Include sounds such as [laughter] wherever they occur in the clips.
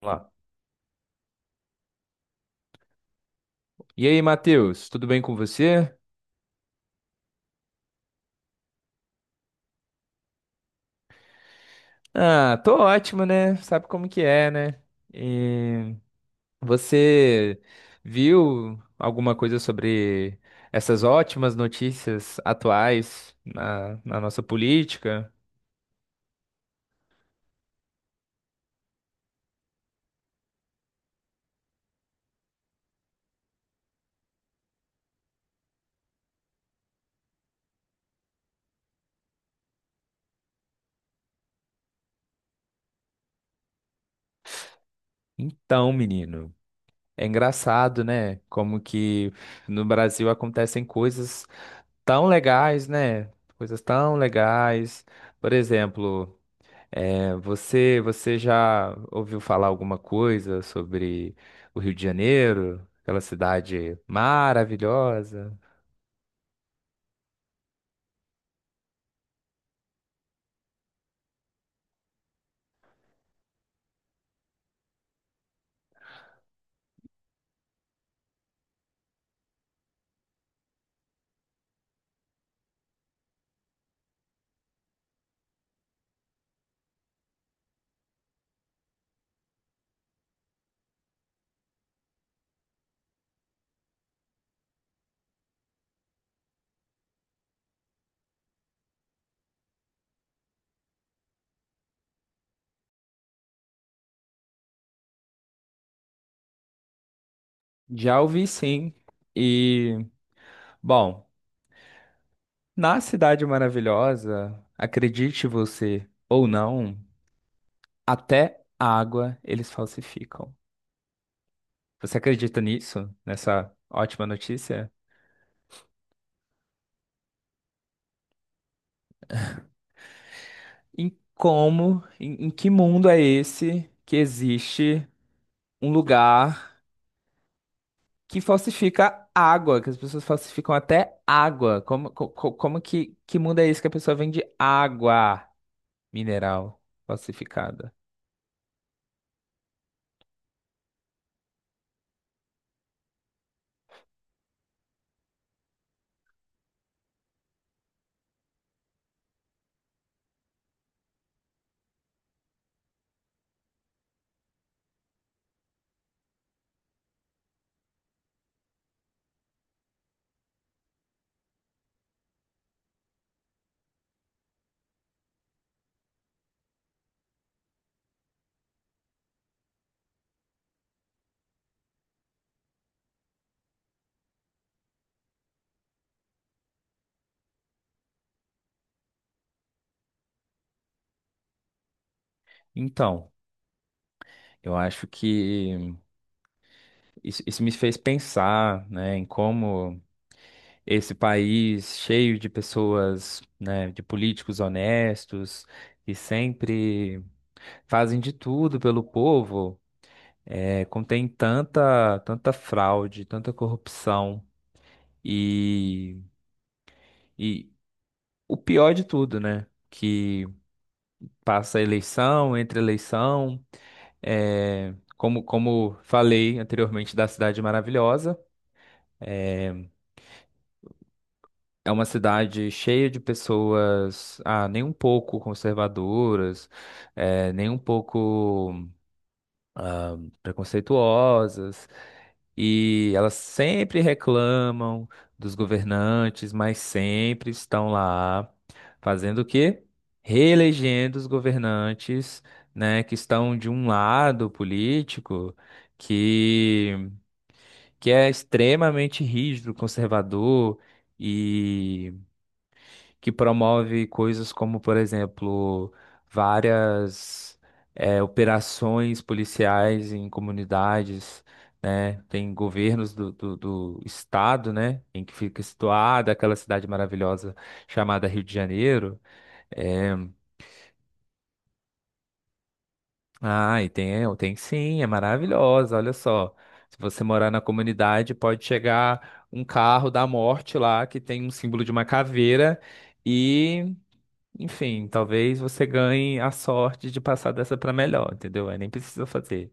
Vamos lá. E aí, Matheus, tudo bem com você? Ah, tô ótimo, né? Sabe como que é, né? E você viu alguma coisa sobre essas ótimas notícias atuais na nossa política? Então, menino, é engraçado, né? Como que no Brasil acontecem coisas tão legais, né? Coisas tão legais. Por exemplo. É, você já ouviu falar alguma coisa sobre o Rio de Janeiro, aquela cidade maravilhosa? Já ouvi sim. E, bom, na cidade maravilhosa, acredite você ou não, até a água eles falsificam. Você acredita nisso? Nessa ótima notícia? Em como, em que mundo é esse que existe um lugar que falsifica água, que as pessoas falsificam até água. Como, como que mundo é esse que a pessoa vende água mineral falsificada? Então, eu acho que isso me fez pensar, né, em como esse país cheio de pessoas, né, de políticos honestos, que sempre fazem de tudo pelo povo, é, contém tanta, tanta fraude, tanta corrupção. E, e, o pior de tudo, né? Que passa eleição, entre eleição, é, como, como falei anteriormente da Cidade Maravilhosa, é uma cidade cheia de pessoas, ah, nem um pouco conservadoras, é, nem um pouco preconceituosas. E elas sempre reclamam dos governantes, mas sempre estão lá fazendo o quê? Reelegendo os governantes, né, que estão de um lado político que, que é extremamente rígido, conservador, que promove coisas como, por exemplo, várias operações policiais em comunidades, né? Tem governos do estado, né? Em que fica situada aquela cidade maravilhosa chamada Rio de Janeiro. É, ah, e tem, é, tem sim, é maravilhosa, olha só. Se você morar na comunidade, pode chegar um carro da morte lá que tem um símbolo de uma caveira. Enfim, talvez você ganhe a sorte de passar dessa para melhor, entendeu? Aí nem precisa fazer.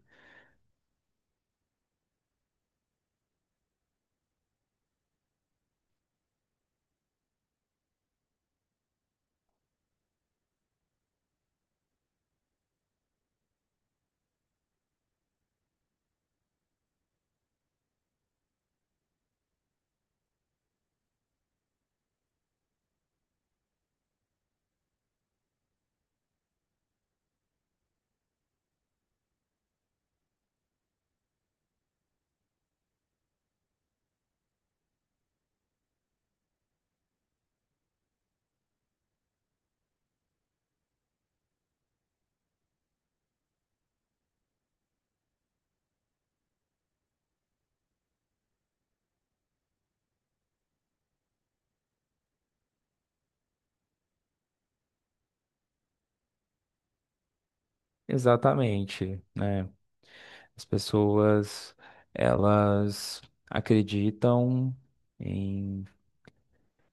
Exatamente, né? As pessoas, elas acreditam em...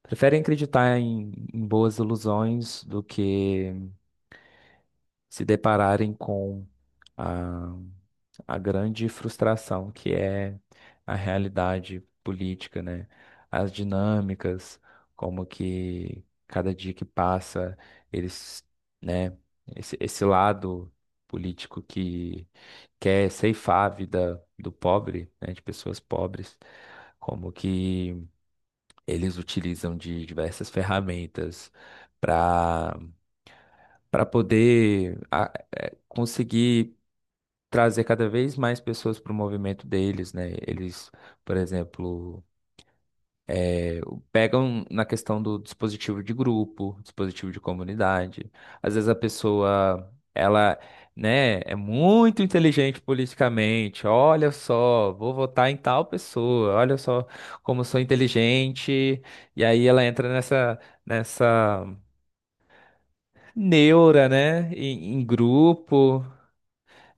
Preferem acreditar em, em boas ilusões do que se depararem com a grande frustração que é a realidade política, né? As dinâmicas, como que cada dia que passa, eles, né, esse lado político que quer ceifar a vida do pobre, né, de pessoas pobres, como que eles utilizam de diversas ferramentas para para poder conseguir trazer cada vez mais pessoas para o movimento deles, né? Eles, por exemplo, pegam na questão do dispositivo de grupo, dispositivo de comunidade. Às vezes a pessoa, ela, né, é muito inteligente politicamente. Olha só, vou votar em tal pessoa. Olha só como eu sou inteligente. E aí ela entra nessa neura, né, em, em grupo.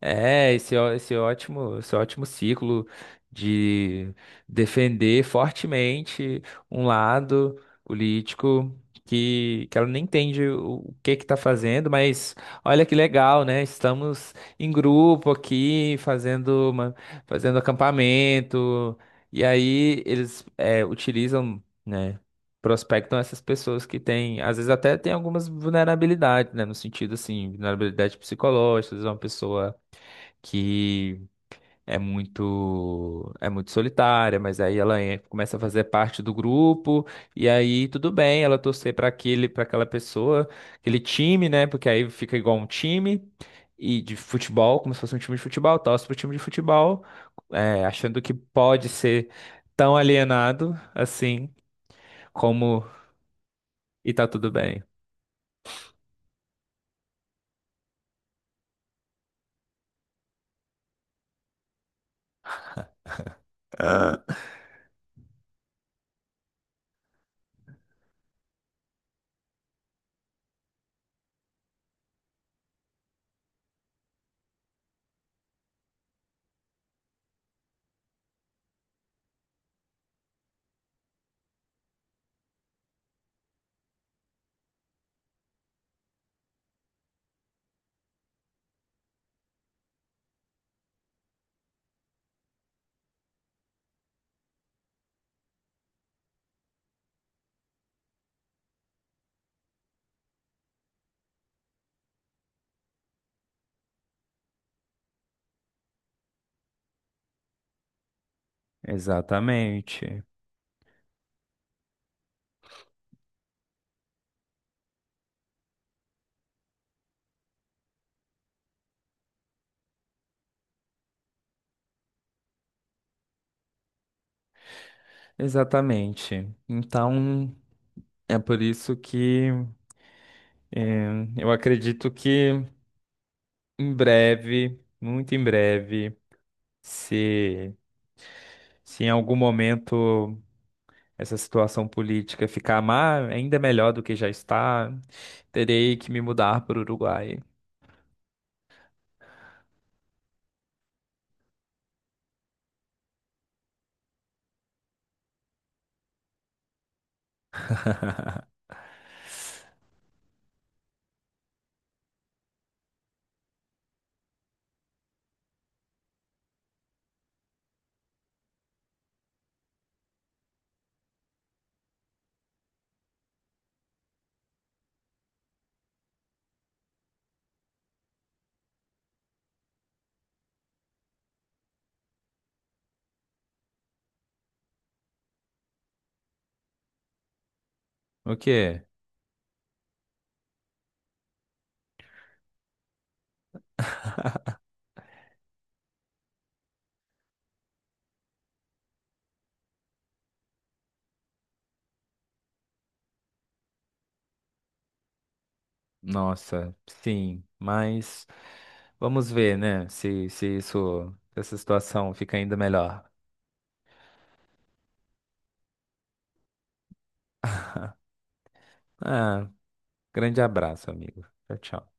É, esse ótimo ciclo de defender fortemente um lado político que ela nem entende o que que tá fazendo, mas olha que legal, né? Estamos em grupo aqui, fazendo acampamento, e aí eles é, utilizam, né? Prospectam essas pessoas que têm, às vezes até tem algumas vulnerabilidades, né? No sentido assim, vulnerabilidade psicológica, às vezes é uma pessoa que é muito solitária, mas aí ela começa a fazer parte do grupo e aí tudo bem, ela torcer para aquela pessoa, aquele time, né? Porque aí fica igual um time de futebol, como se fosse um time de futebol, torce pro time de futebol, é, achando que pode ser tão alienado assim como e tá tudo bem. Ah, Exatamente, exatamente. Então, é por isso que é, eu acredito que em breve, muito em breve, se, se em algum momento essa situação política ficar má, ainda melhor do que já está, terei que me mudar para o Uruguai. O quê? Nossa, sim, mas vamos ver, né? Se essa situação fica ainda melhor. [laughs] Ah, grande abraço, amigo. Tchau, tchau.